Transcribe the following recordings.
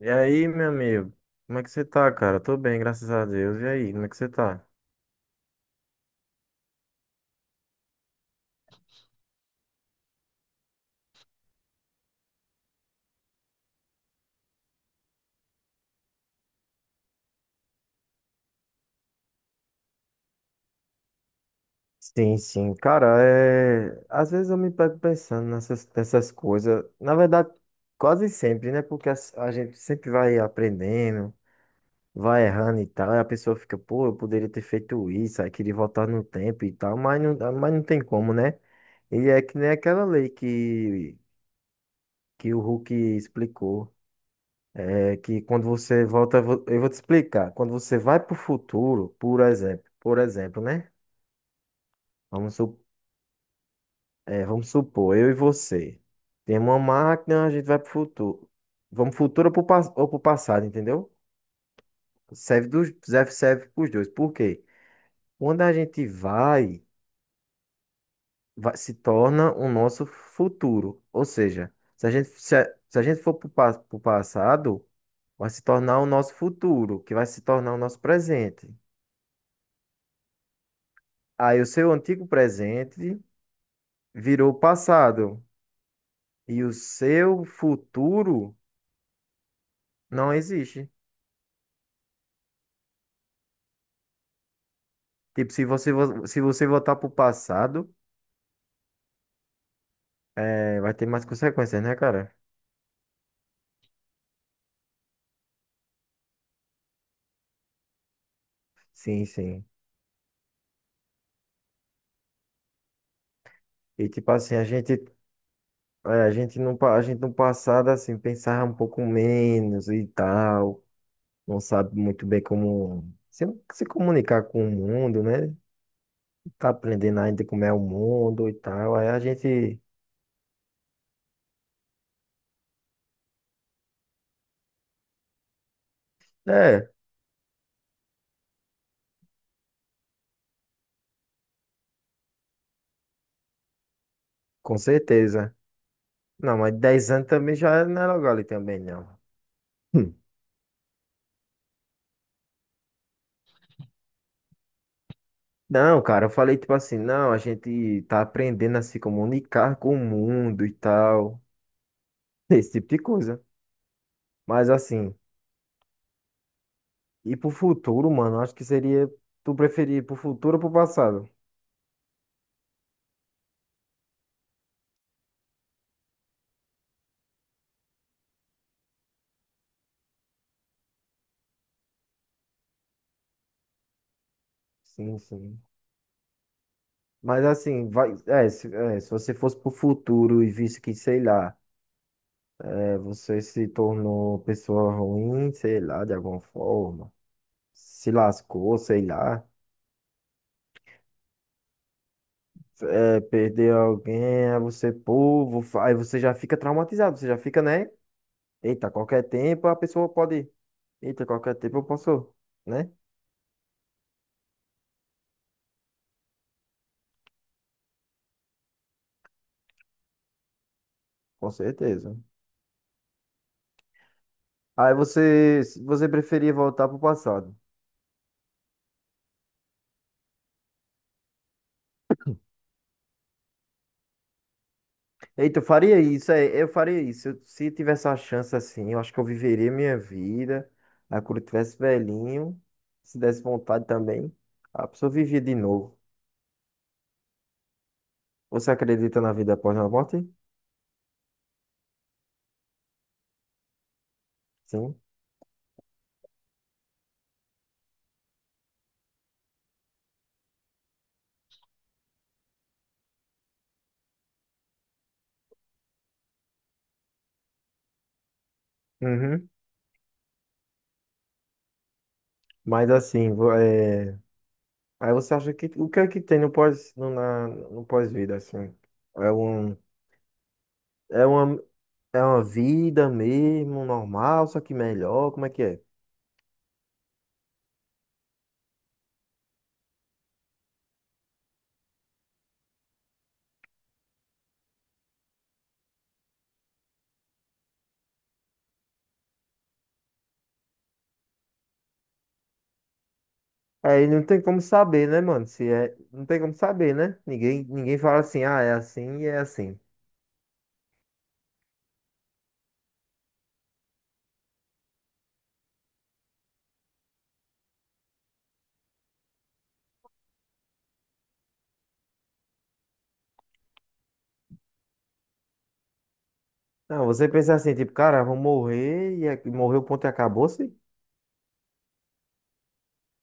E aí, meu amigo? Como é que você tá, cara? Tô bem, graças a Deus. E aí, como é que você tá? Sim, sim, cara, às vezes eu me pego pensando nessas coisas, na verdade, quase sempre, né? Porque a gente sempre vai aprendendo, vai errando e tal, e a pessoa fica, pô, eu poderia ter feito isso, aí queria voltar no tempo e tal, mas não tem como, né? E é que nem aquela lei que o Hulk explicou. É que quando você volta, eu vou te explicar. Quando você vai para o futuro, por exemplo, né? Vamos, su- Vamos supor, eu e você. Temos uma máquina, a gente vai para o futuro. Vamos futuro ou para o passado, entendeu? Serve para os dois. Por quê? Quando a gente se torna o nosso futuro. Ou seja, se a gente for para o passado, vai se tornar o nosso futuro, que vai se tornar o nosso presente. Aí o seu antigo presente virou passado e o seu futuro não existe. Tipo, se você voltar pro passado, é, vai ter mais consequências, né, cara? Sim, sim. E tipo assim, a gente, é, a gente no, pa- a gente no passado, assim, pensava um pouco menos e tal. Não sabe muito bem como se comunicar com o mundo, né? Tá aprendendo ainda como é o mundo e tal. Aí a gente, é, com certeza. Não, mas 10 anos também já não é logo ali também, não. Hum. Não, cara, eu falei tipo assim, não, a gente tá aprendendo a se comunicar com o mundo e tal, esse tipo de coisa. Mas assim, e pro futuro, mano, acho que seria tu preferir ir pro futuro ou pro passado? Sim, sim. Mas assim, vai, é, se você fosse pro futuro e visse que, sei lá, é, você se tornou pessoa ruim, sei lá, de alguma forma, se lascou, sei lá. Vai perder alguém, aí você, pô, aí você já fica traumatizado, você já fica, né? Eita, qualquer tempo a pessoa pode. Eita, qualquer tempo eu posso, né? Com certeza. Aí você preferia voltar pro passado. Eita, eu faria isso, é, eu faria isso. Eu- Se tivesse a chance assim, eu acho que eu viveria minha vida. Aí quando eu tivesse velhinho, se desse vontade também, a pessoa vivia de novo. Você acredita na vida após a morte? Sim. Uhum. Mas assim, vo- é. Aí você acha que o que é que tem no pós-vida assim? É um é uma é uma vida mesmo normal, só que melhor, como é que é? Aí não tem como saber, né, mano? Se é, não tem como saber, né? Ninguém fala assim, ah, é assim e é assim. Não, você pensa assim, tipo, cara, eu vou morrer e é- morreu, ponto e acabou-se.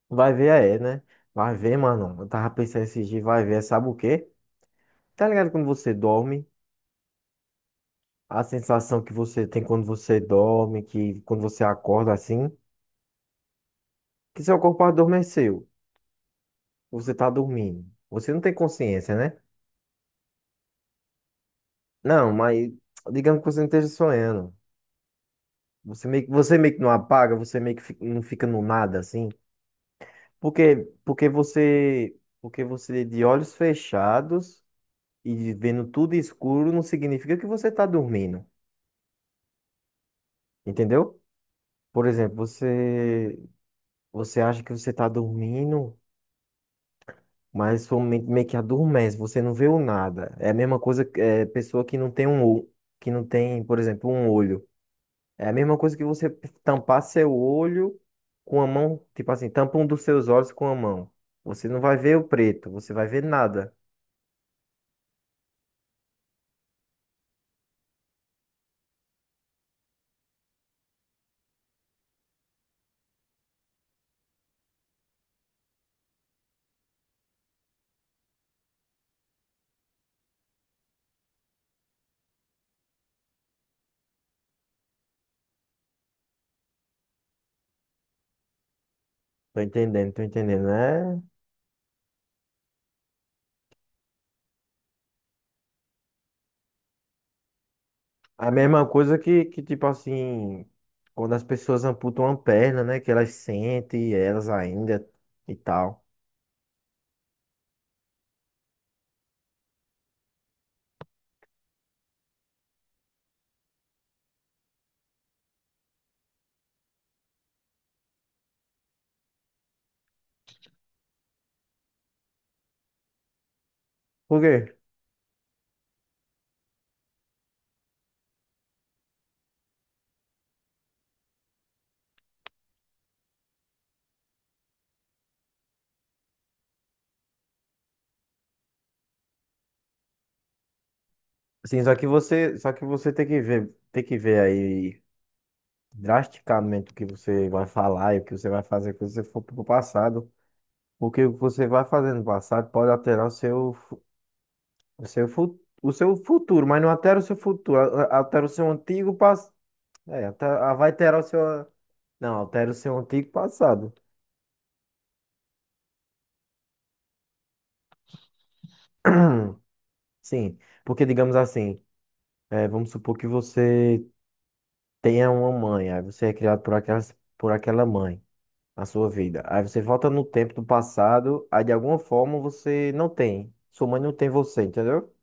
Vai ver, é, né? Vai ver, mano. Eu tava pensando esses dias, vai ver, sabe o quê? Tá ligado quando você dorme? A sensação que você tem quando você dorme, que quando você acorda assim, que seu corpo adormeceu, você tá dormindo. Você não tem consciência, né? Não, mas digamos que você não esteja sonhando. Você você meio que não apaga, você meio que não fica no nada assim. Porque, porque você de olhos fechados e vendo tudo escuro não significa que você tá dormindo, entendeu? Por exemplo, você acha que você tá dormindo. Mas sua mente meio que adormece, você não vê o nada. É a mesma coisa pessoa que não tem um olho, que não tem, por exemplo, um olho. É a mesma coisa que você tampar seu olho com a mão, tipo assim, tampa um dos seus olhos com a mão. Você não vai ver o preto, você vai ver nada. Tô entendendo, tô entendendo. É a mesma coisa que tipo assim, quando as pessoas amputam uma perna, né, que elas sentem elas ainda e tal. Por quê? Sim, só que você tem que tem que ver aí drasticamente o que você vai falar e o que você vai fazer quando você for pro passado. O que você vai fazer no passado pode alterar o seu futuro, mas não altera o seu futuro, altera o seu antigo passado. É, altera- vai alterar o seu. Não, altera o seu antigo passado. Sim, porque digamos assim, é, vamos supor que você tenha uma mãe, aí você é criado por aquela mãe. Na sua vida. Aí você volta no tempo do passado, aí de alguma forma você não tem. Sua mãe não tem você, entendeu?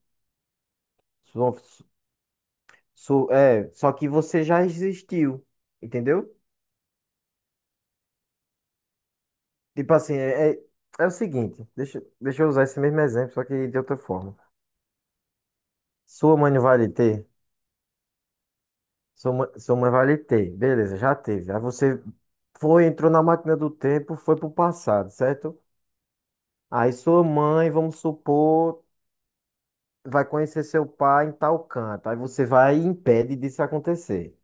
Sua, só que você já existiu, entendeu? Tipo assim, é o seguinte, deixa eu usar esse mesmo exemplo, só que de outra forma. Sua mãe não vai lhe ter, sua mãe vai lhe ter, beleza, já teve. Aí você foi, entrou na máquina do tempo, foi pro passado, certo? Aí sua mãe, vamos supor. Vai conhecer seu pai em tal canto. Aí você vai e impede disso acontecer.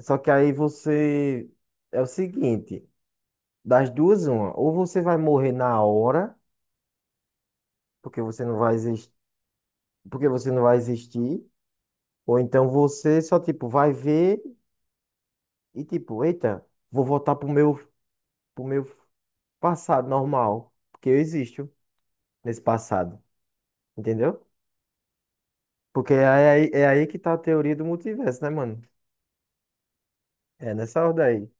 Só que aí você. É o seguinte, das duas, uma. Ou você vai morrer na hora, porque você não vai existir, porque você não vai existir, ou então você só, tipo, vai ver e tipo, eita, vou voltar pro meu passado normal. Porque eu existo nesse passado. Entendeu? Porque é aí que tá a teoria do multiverso, né, mano? É nessa ordem aí.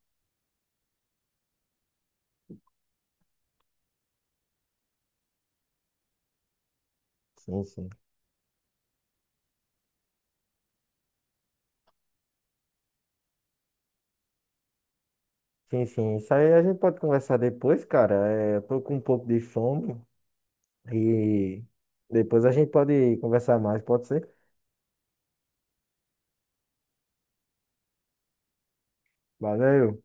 Sim, sim. Sim, sim. Isso aí a gente pode conversar depois, cara. É, eu tô com um pouco de fome e depois a gente pode conversar mais, pode ser? Valeu.